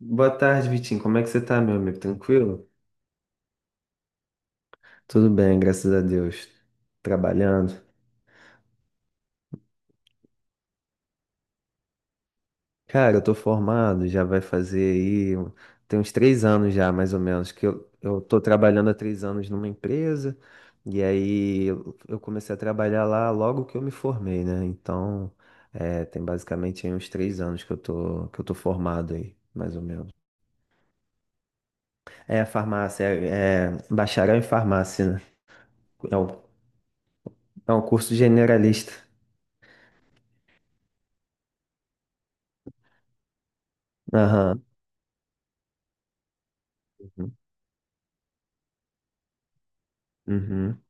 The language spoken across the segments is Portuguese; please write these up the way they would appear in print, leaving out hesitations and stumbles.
Boa tarde, Vitinho. Como é que você tá, meu amigo? Tranquilo? Tudo bem, graças a Deus. Trabalhando. Cara, eu tô formado, já vai fazer aí. Tem uns três anos já, mais ou menos, que eu tô trabalhando há três anos numa empresa, e aí eu comecei a trabalhar lá logo que eu me formei, né? Então, é, tem basicamente aí uns três anos que eu tô formado aí, mais ou menos. É, farmácia, é bacharel em farmácia, né? É um, é um curso generalista. Aham. Uhum,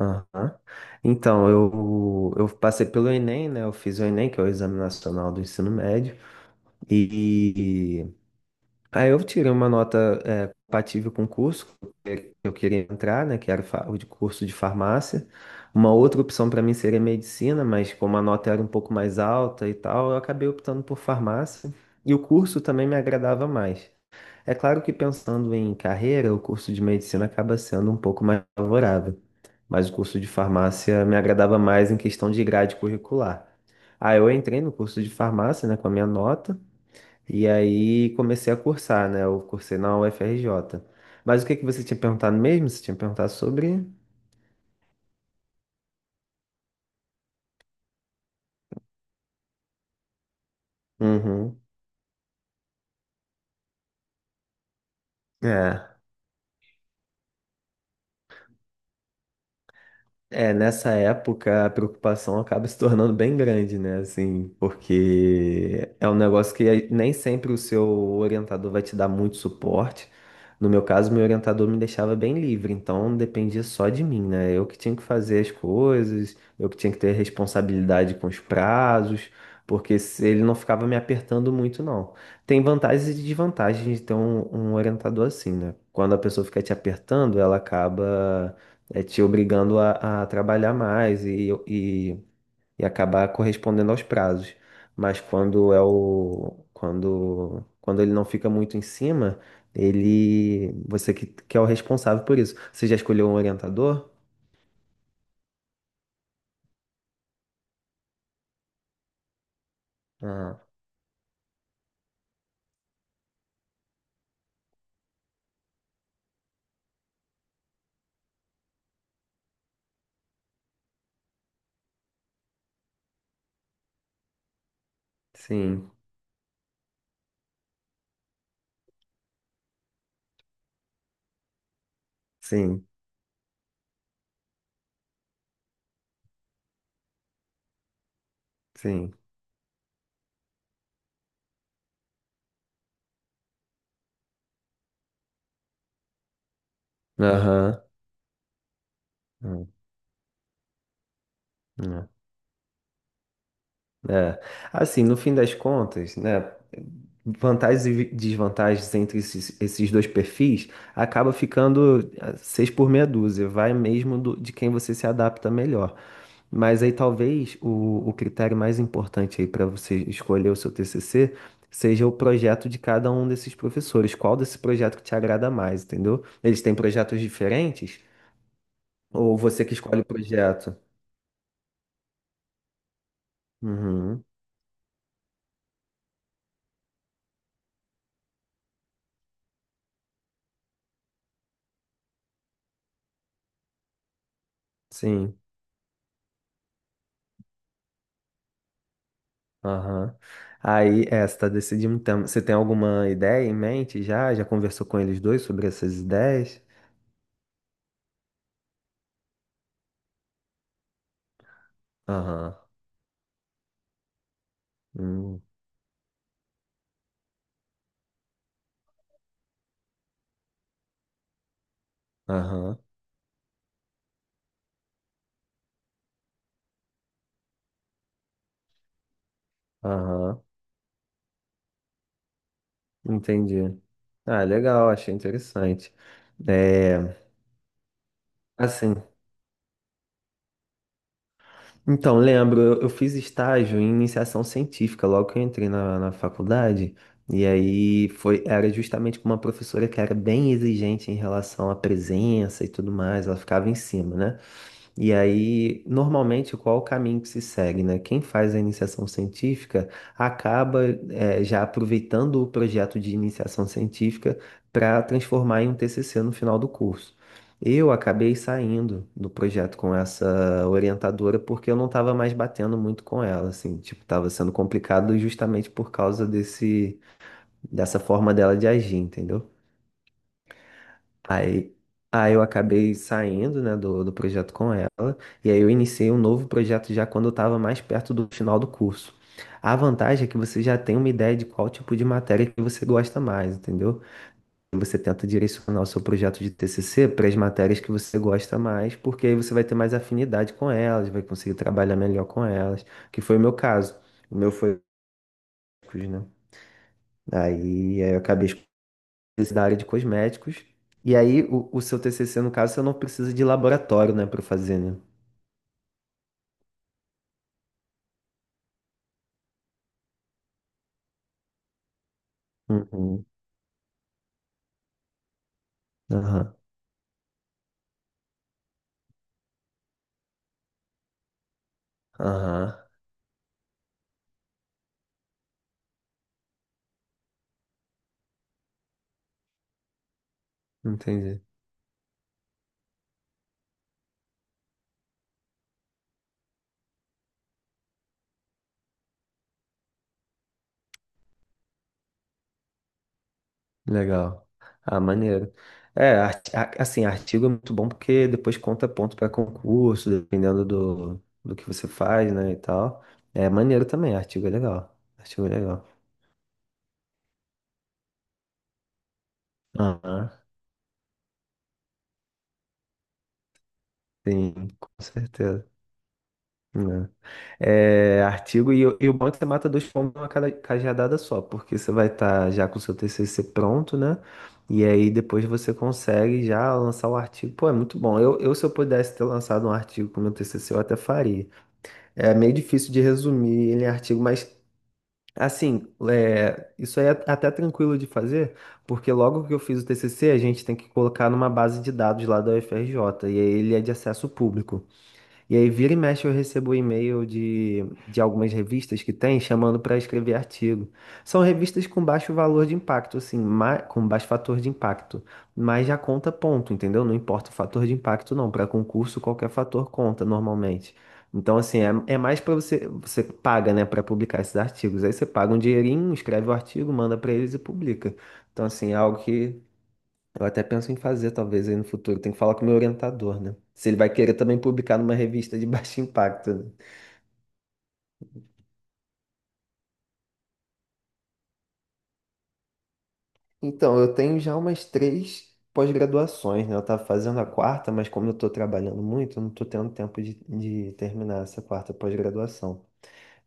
aham. Então, eu passei pelo Enem, né? Eu fiz o Enem, que é o Exame Nacional do Ensino Médio, e aí eu tirei uma nota compatível com o curso que eu queria entrar, né? Que era o de curso de farmácia. Uma outra opção para mim seria medicina, mas como a nota era um pouco mais alta e tal, eu acabei optando por farmácia, e o curso também me agradava mais. É claro que pensando em carreira, o curso de medicina acaba sendo um pouco mais favorável, mas o curso de farmácia me agradava mais em questão de grade curricular. Ah, eu entrei no curso de farmácia, né, com a minha nota, e aí comecei a cursar, né? Eu cursei na UFRJ. Mas o que que você tinha perguntado mesmo? Você tinha perguntado sobre. Uhum. É. É, nessa época a preocupação acaba se tornando bem grande, né? Assim, porque é um negócio que nem sempre o seu orientador vai te dar muito suporte. No meu caso, meu orientador me deixava bem livre, então dependia só de mim, né? Eu que tinha que fazer as coisas, eu que tinha que ter responsabilidade com os prazos, porque ele não ficava me apertando muito, não. Tem vantagens e desvantagens de ter um orientador assim, né? Quando a pessoa fica te apertando, ela acaba te obrigando a trabalhar mais, e acabar correspondendo aos prazos. Mas quando é o quando quando ele não fica muito em cima, ele você que é o responsável por isso. Você já escolheu um orientador? Ah, sim, sim, sim. Aham. Hum, hum. É, assim, no fim das contas, né, vantagens e desvantagens entre esses dois perfis acaba ficando seis por meia dúzia, vai mesmo de quem você se adapta melhor. Mas aí talvez o critério mais importante aí para você escolher o seu TCC seja o projeto de cada um desses professores. Qual desse projeto que te agrada mais, entendeu? Eles têm projetos diferentes? Ou você que escolhe o projeto? Uhum, sim. Aham. Aí, é, você tá decidindo. Então, você tem alguma ideia em mente já? Já conversou com eles dois sobre essas ideias? Aham. Hum. Aham. Aham. Entendi. Ah, legal, achei interessante. É, assim, então, lembro, eu fiz estágio em iniciação científica logo que eu entrei na faculdade. E aí foi, era justamente com uma professora que era bem exigente em relação à presença e tudo mais, ela ficava em cima, né? E aí, normalmente, qual o caminho que se segue, né? Quem faz a iniciação científica acaba já aproveitando o projeto de iniciação científica para transformar em um TCC no final do curso. Eu acabei saindo do projeto com essa orientadora porque eu não estava mais batendo muito com ela, assim, tipo, estava sendo complicado justamente por causa dessa forma dela de agir, entendeu? Aí, aí eu acabei saindo, né, do projeto com ela, e aí eu iniciei um novo projeto já quando eu estava mais perto do final do curso. A vantagem é que você já tem uma ideia de qual tipo de matéria que você gosta mais, entendeu? E você tenta direcionar o seu projeto de TCC para as matérias que você gosta mais, porque aí você vai ter mais afinidade com elas, vai conseguir trabalhar melhor com elas, que foi o meu caso. O meu foi, né? Aí eu acabei da área de cosméticos. E aí, o seu TCC, no caso, você não precisa de laboratório, né, para fazer, né? Uhum. Aham. Aham. Entendi. Legal. Ah, maneiro. É, assim, artigo é muito bom porque depois conta ponto para concurso, dependendo do que você faz, né, e tal. É maneiro também, artigo é legal. Artigo é legal. Aham. Sim, com certeza, né? É, artigo e o bom é que você mata dois pombos numa cajadada só, porque você vai estar já com o seu TCC pronto, né? E aí depois você consegue já lançar o artigo. Pô, é muito bom. Eu se eu pudesse ter lançado um artigo com o meu TCC, eu até faria. É meio difícil de resumir ele em artigo, mas assim, é, isso aí é até tranquilo de fazer, porque logo que eu fiz o TCC, a gente tem que colocar numa base de dados lá da UFRJ, e aí ele é de acesso público. E aí, vira e mexe, eu recebo um e-mail de algumas revistas que tem chamando para escrever artigo. São revistas com baixo valor de impacto, assim, com baixo fator de impacto, mas já conta ponto, entendeu? Não importa o fator de impacto, não. Para concurso, qualquer fator conta normalmente. Então, assim, é mais para você, você paga, né, para publicar esses artigos. Aí você paga um dinheirinho, escreve o artigo, manda para eles e publica. Então, assim, é algo que eu até penso em fazer, talvez, aí no futuro. Tem que falar com o meu orientador, né? Se ele vai querer também publicar numa revista de baixo impacto, né? Então, eu tenho já umas três pós-graduações, né? Eu tava fazendo a quarta, mas como eu tô trabalhando muito, eu não tô tendo tempo de terminar essa quarta pós-graduação.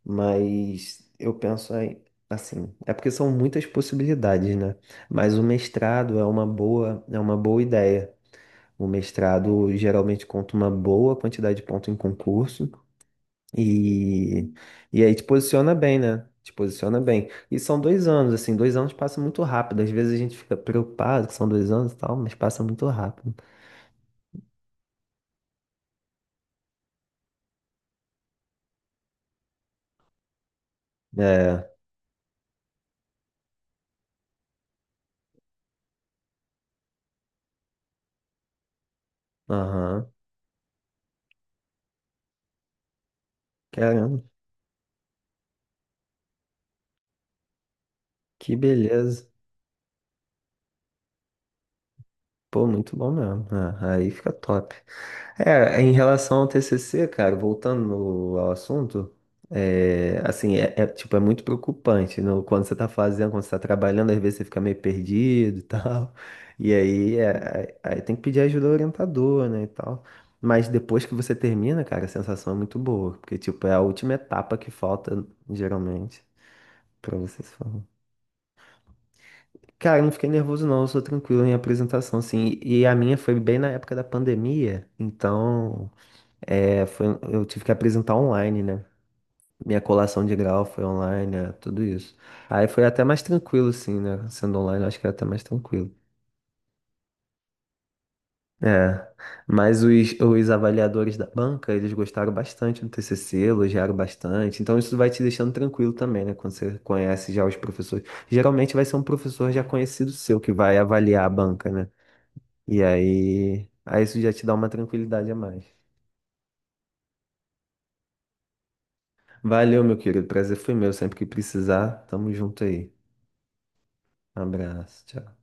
Mas eu penso aí, assim, é porque são muitas possibilidades, né? Mas o mestrado é uma boa ideia. O mestrado geralmente conta uma boa quantidade de pontos em concurso. E, e aí te posiciona bem, né? Te posiciona bem. E são dois anos, assim, dois anos passa muito rápido. Às vezes a gente fica preocupado que são dois anos e tal, mas passa muito rápido. É, aham. Caramba, que beleza. Pô, muito bom mesmo. Ah, aí fica top. É, em relação ao TCC, cara, voltando ao assunto, é, assim, tipo, é muito preocupante, né? Quando você tá fazendo, quando você tá trabalhando, às vezes você fica meio perdido e tal, e aí, aí tem que pedir ajuda ao orientador, né, e tal. Mas depois que você termina, cara, a sensação é muito boa, porque, tipo, é a última etapa que falta, geralmente, pra você se formar. Cara, eu não fiquei nervoso não, eu sou tranquilo em apresentação, assim. E a minha foi bem na época da pandemia, então é, foi, eu tive que apresentar online, né? Minha colação de grau foi online, né? Tudo isso. Aí foi até mais tranquilo, assim, né? Sendo online, eu acho que era até mais tranquilo. É, mas os avaliadores da banca, eles gostaram bastante do TCC, elogiaram bastante. Então isso vai te deixando tranquilo também, né? Quando você conhece já os professores. Geralmente vai ser um professor já conhecido seu que vai avaliar a banca, né? E aí isso já te dá uma tranquilidade a mais. Valeu, meu querido. Prazer foi meu. Sempre que precisar, tamo junto aí. Um abraço. Tchau.